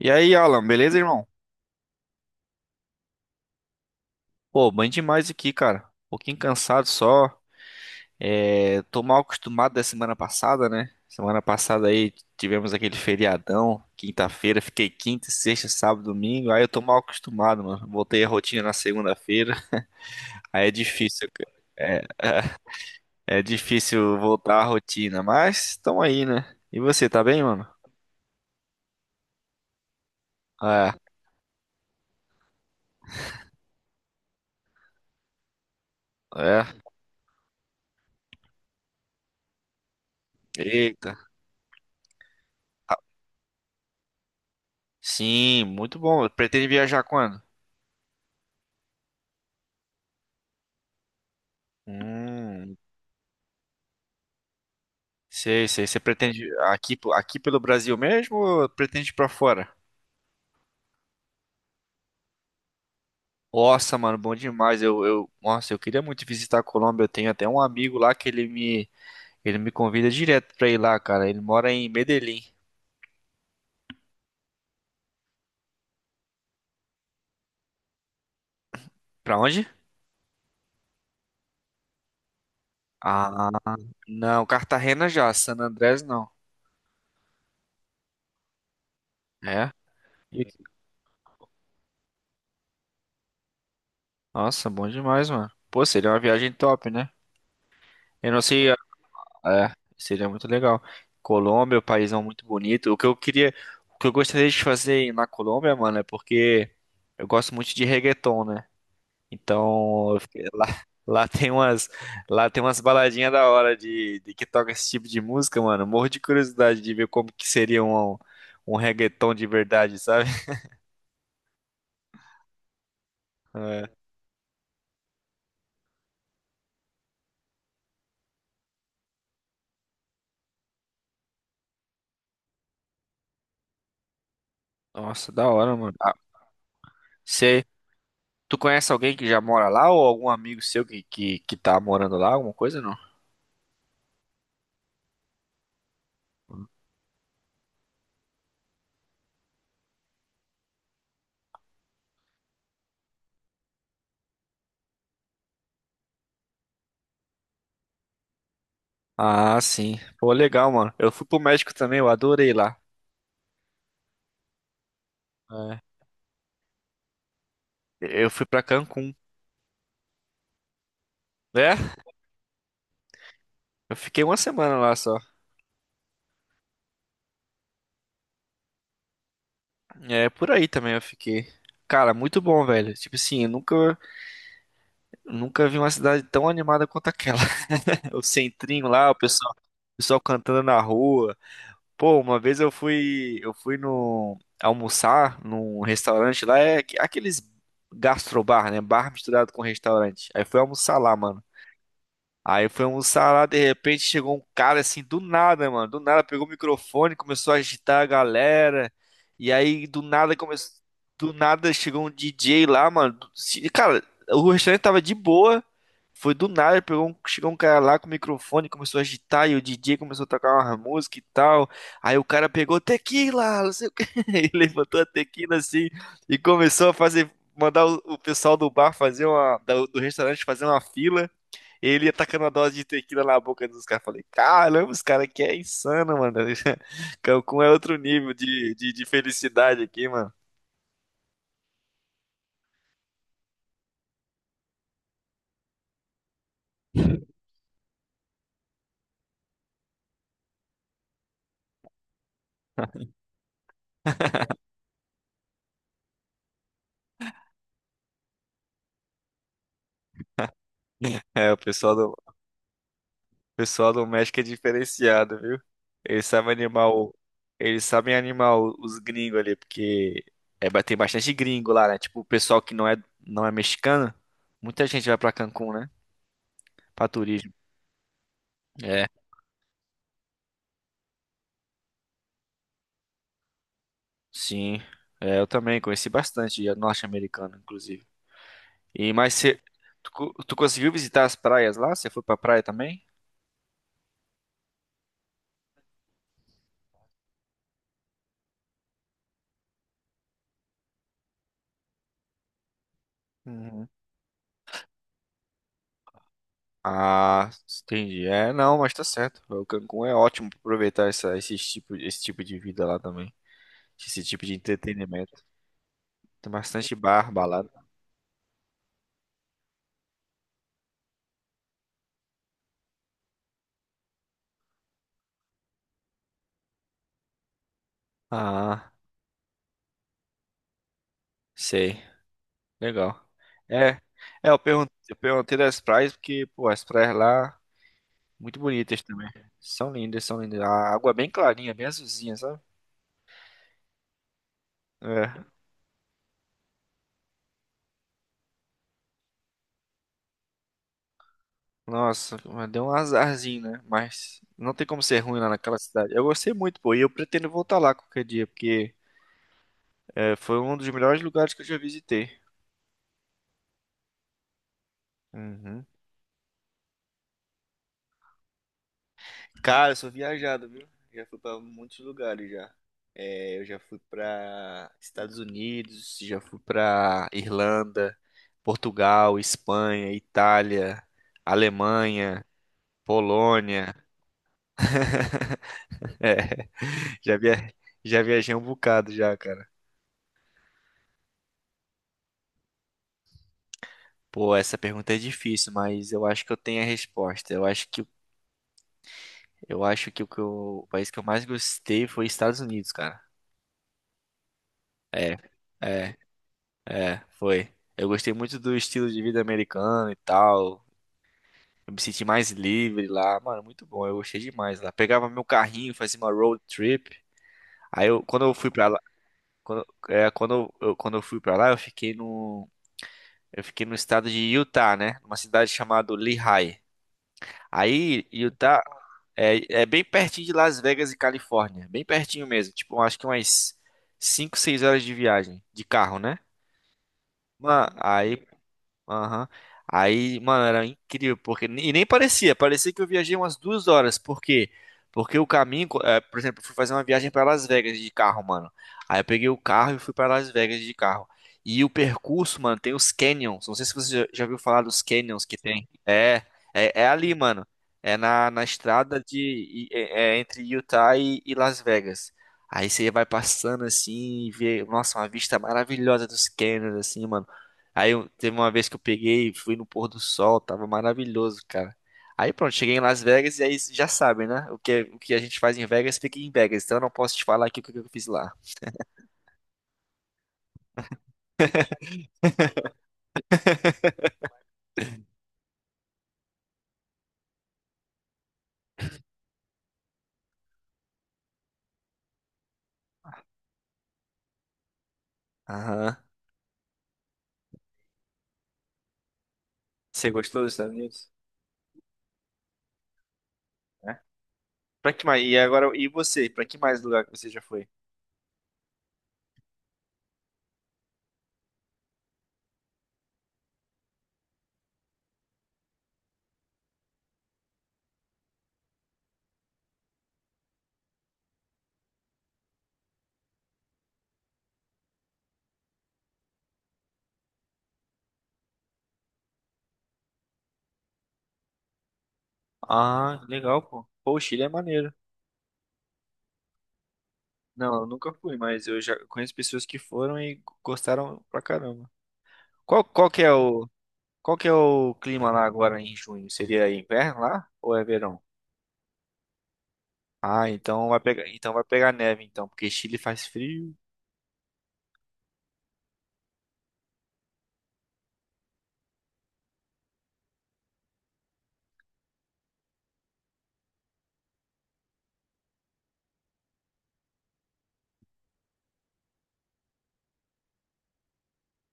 E aí, Alan, beleza, irmão? Pô, bem demais aqui, cara. Um pouquinho cansado só. É, tô mal acostumado da semana passada, né? Semana passada aí tivemos aquele feriadão, quinta-feira, fiquei quinta, sexta, sábado, domingo. Aí eu tô mal acostumado, mano. Voltei a rotina na segunda-feira. Aí é difícil, cara. é, é difícil voltar à rotina, mas tamo aí, né? E você, tá bem, mano? É, é. Eita. Sim, muito bom. Pretende viajar quando? Hum. Sei, sei. Você pretende aqui, pelo Brasil mesmo ou pretende ir pra fora? Nossa, mano, bom demais. Nossa, eu queria muito visitar a Colômbia. Eu tenho até um amigo lá que ele me convida direto pra ir lá, cara. Ele mora em Medellín. Pra onde? Ah, não, Cartagena já, San Andrés não. É? E- Nossa, bom demais, mano. Pô, seria uma viagem top, né? Eu não sei. É, seria muito legal. Colômbia, o país é muito bonito. O que eu queria, o que eu gostaria de fazer na Colômbia, mano, é porque eu gosto muito de reggaeton, né? Então, eu lá, lá tem umas, lá tem umas baladinhas da hora de que toca esse tipo de música, mano. Morro de curiosidade de ver como que seria um reggaeton de verdade, sabe? É. Nossa, da hora, mano. Ah, você, tu conhece alguém que já mora lá ou algum amigo seu que tá morando lá, alguma coisa? Ah, sim. Pô, legal, mano. Eu fui pro México também, eu adorei lá. É. Eu fui pra Cancún. É, eu fiquei uma semana lá só. É, por aí também eu fiquei. Cara, muito bom, velho. Tipo assim, eu nunca, nunca vi uma cidade tão animada quanto aquela. O centrinho lá, o pessoal cantando na rua. Pô, uma vez eu fui no almoçar num restaurante lá, é aqueles gastrobar, né? Bar misturado com restaurante. Aí fui almoçar lá, mano. Aí foi almoçar lá, de repente chegou um cara assim, do nada, mano. Do nada pegou o microfone, começou a agitar a galera. E aí do nada começou. Do nada chegou um DJ lá, mano. Cara, o restaurante tava de boa. Foi do nada, chegou um cara lá com o microfone, começou a agitar. E o DJ começou a tocar uma música e tal. Aí o cara pegou tequila, não sei o quê. E levantou a tequila assim e começou a fazer. Mandar o pessoal do bar fazer uma. Do restaurante fazer uma fila. Ele ia tacando a dose de tequila na boca dos caras. Falei, caramba, os caras aqui é insano, mano. Cancún é outro nível de felicidade aqui, mano. É, o pessoal do México é diferenciado, viu? Eles sabem animar o, eles sabem animar os gringos ali, porque é, tem bastante gringo lá, né? Tipo, o pessoal que não é mexicano, muita gente vai pra Cancún, né? Pra turismo. É, sim. É, eu também conheci bastante norte-americano, inclusive. E mas tu conseguiu visitar as praias lá? Você foi pra praia também? Uhum. Ah, entendi. É, não, mas tá certo. O Cancún é ótimo pra aproveitar esse tipo de vida lá também. Esse tipo de entretenimento. Tem bastante bar, balada. Ah, sei. Legal. É, é, eu perguntei das praias porque, pô, as praias lá, muito bonitas também. São lindas, são lindas. A água é bem clarinha, bem azulzinha, sabe? É. Nossa, mas deu um azarzinho, né? Mas não tem como ser ruim lá naquela cidade. Eu gostei muito, pô, e eu pretendo voltar lá qualquer dia, porque é, foi um dos melhores lugares que eu já visitei. Uhum. Cara, eu sou viajado, viu? Já fui pra muitos lugares já. É, eu já fui pra Estados Unidos, já fui pra Irlanda, Portugal, Espanha, Itália, Alemanha, Polônia. É, já via... já viajei um bocado já, cara. Pô, essa pergunta é difícil, mas eu acho que eu tenho a resposta. Eu acho que o país que eu mais gostei foi Estados Unidos, cara. É, é, foi. Eu gostei muito do estilo de vida americano e tal. Eu me senti mais livre lá, mano, muito bom. Eu gostei demais lá. Pegava meu carrinho, fazia uma road trip. Aí quando eu fui pra lá, quando eu fui para lá, eu fiquei no estado de Utah, né? Numa cidade chamada Lehigh. Aí, Utah. É bem pertinho de Las Vegas e Califórnia. Bem pertinho mesmo. Tipo, acho que umas 5, 6 horas de viagem de carro, né? Mano, aí. Aham. Aí, mano, era incrível, porque. E nem parecia que eu viajei umas 2 horas. Por quê? Porque o caminho, por exemplo, eu fui fazer uma viagem para Las Vegas de carro, mano. Aí eu peguei o carro e fui para Las Vegas de carro. E o percurso, mano, tem os canyons. Não sei se você já ouviu falar dos canyons que tem. É ali, mano. É na estrada de, e- é, é entre Utah e Las Vegas. Aí você vai passando assim e vê, nossa, uma vista maravilhosa dos canyons, assim, mano. Aí teve uma vez que eu peguei e fui no pôr do sol, tava maravilhoso, cara. Aí pronto, cheguei em Las Vegas e aí já sabem, né? O que a gente faz em Vegas fica em Vegas, então eu não posso te falar aqui o que eu fiz lá. Aham. Você gostou dos Estados Unidos? É. Pra que mais? E agora, e você? Pra que mais lugar que você já foi? Ah, legal, pô. Pô, o Chile é maneiro. Não, eu nunca fui, mas eu já conheço pessoas que foram e gostaram pra caramba. Qual, qual que é o, qual que é o clima lá agora em junho? Seria inverno lá ou é verão? Ah, então vai pegar neve, então, porque Chile faz frio.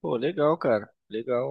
Pô, legal, cara. Legal.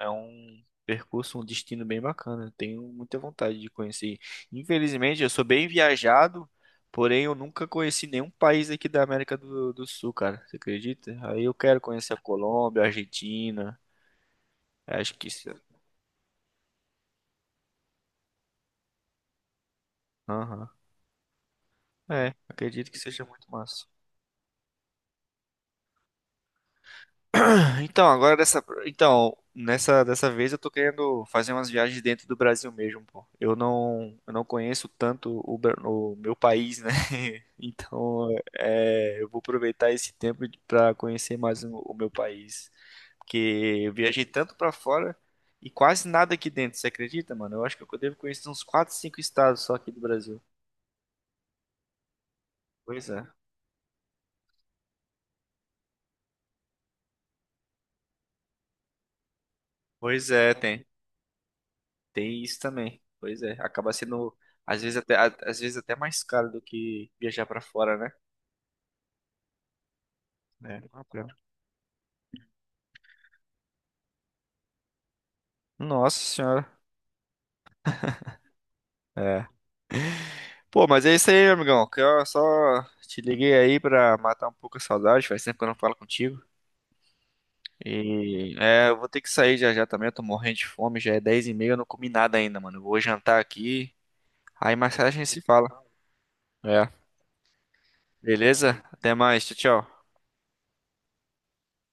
É um percurso, um destino bem bacana. Eu tenho muita vontade de conhecer. Infelizmente, eu sou bem viajado, porém eu nunca conheci nenhum país aqui da América do Sul, cara. Você acredita? Aí eu quero conhecer a Colômbia, a Argentina. Acho que isso. Aham. É, acredito que seja muito massa. Nessa dessa vez eu tô querendo fazer umas viagens dentro do Brasil mesmo, pô. Eu não conheço tanto o meu país, né? Então, é, eu vou aproveitar esse tempo para conhecer mais o meu país, porque eu viajei tanto para fora e quase nada aqui dentro, você acredita, mano? Eu acho que eu devo conhecer uns 4 5 estados só aqui do Brasil. Pois é. Pois é, tem. Tem isso também. Pois é, acaba sendo às vezes até mais caro do que viajar pra fora, né? É, não é caro. Nossa senhora. É. Pô, mas é isso aí, meu amigão. Que eu só te liguei aí pra matar um pouco a saudade. Faz tempo que eu não falo contigo. E é, eu vou ter que sair já já também. Eu tô morrendo de fome. Já é 10h30, eu não comi nada ainda, mano. Eu vou jantar aqui. Aí mais tarde a gente se fala. É. Beleza? Até mais. Tchau, tchau.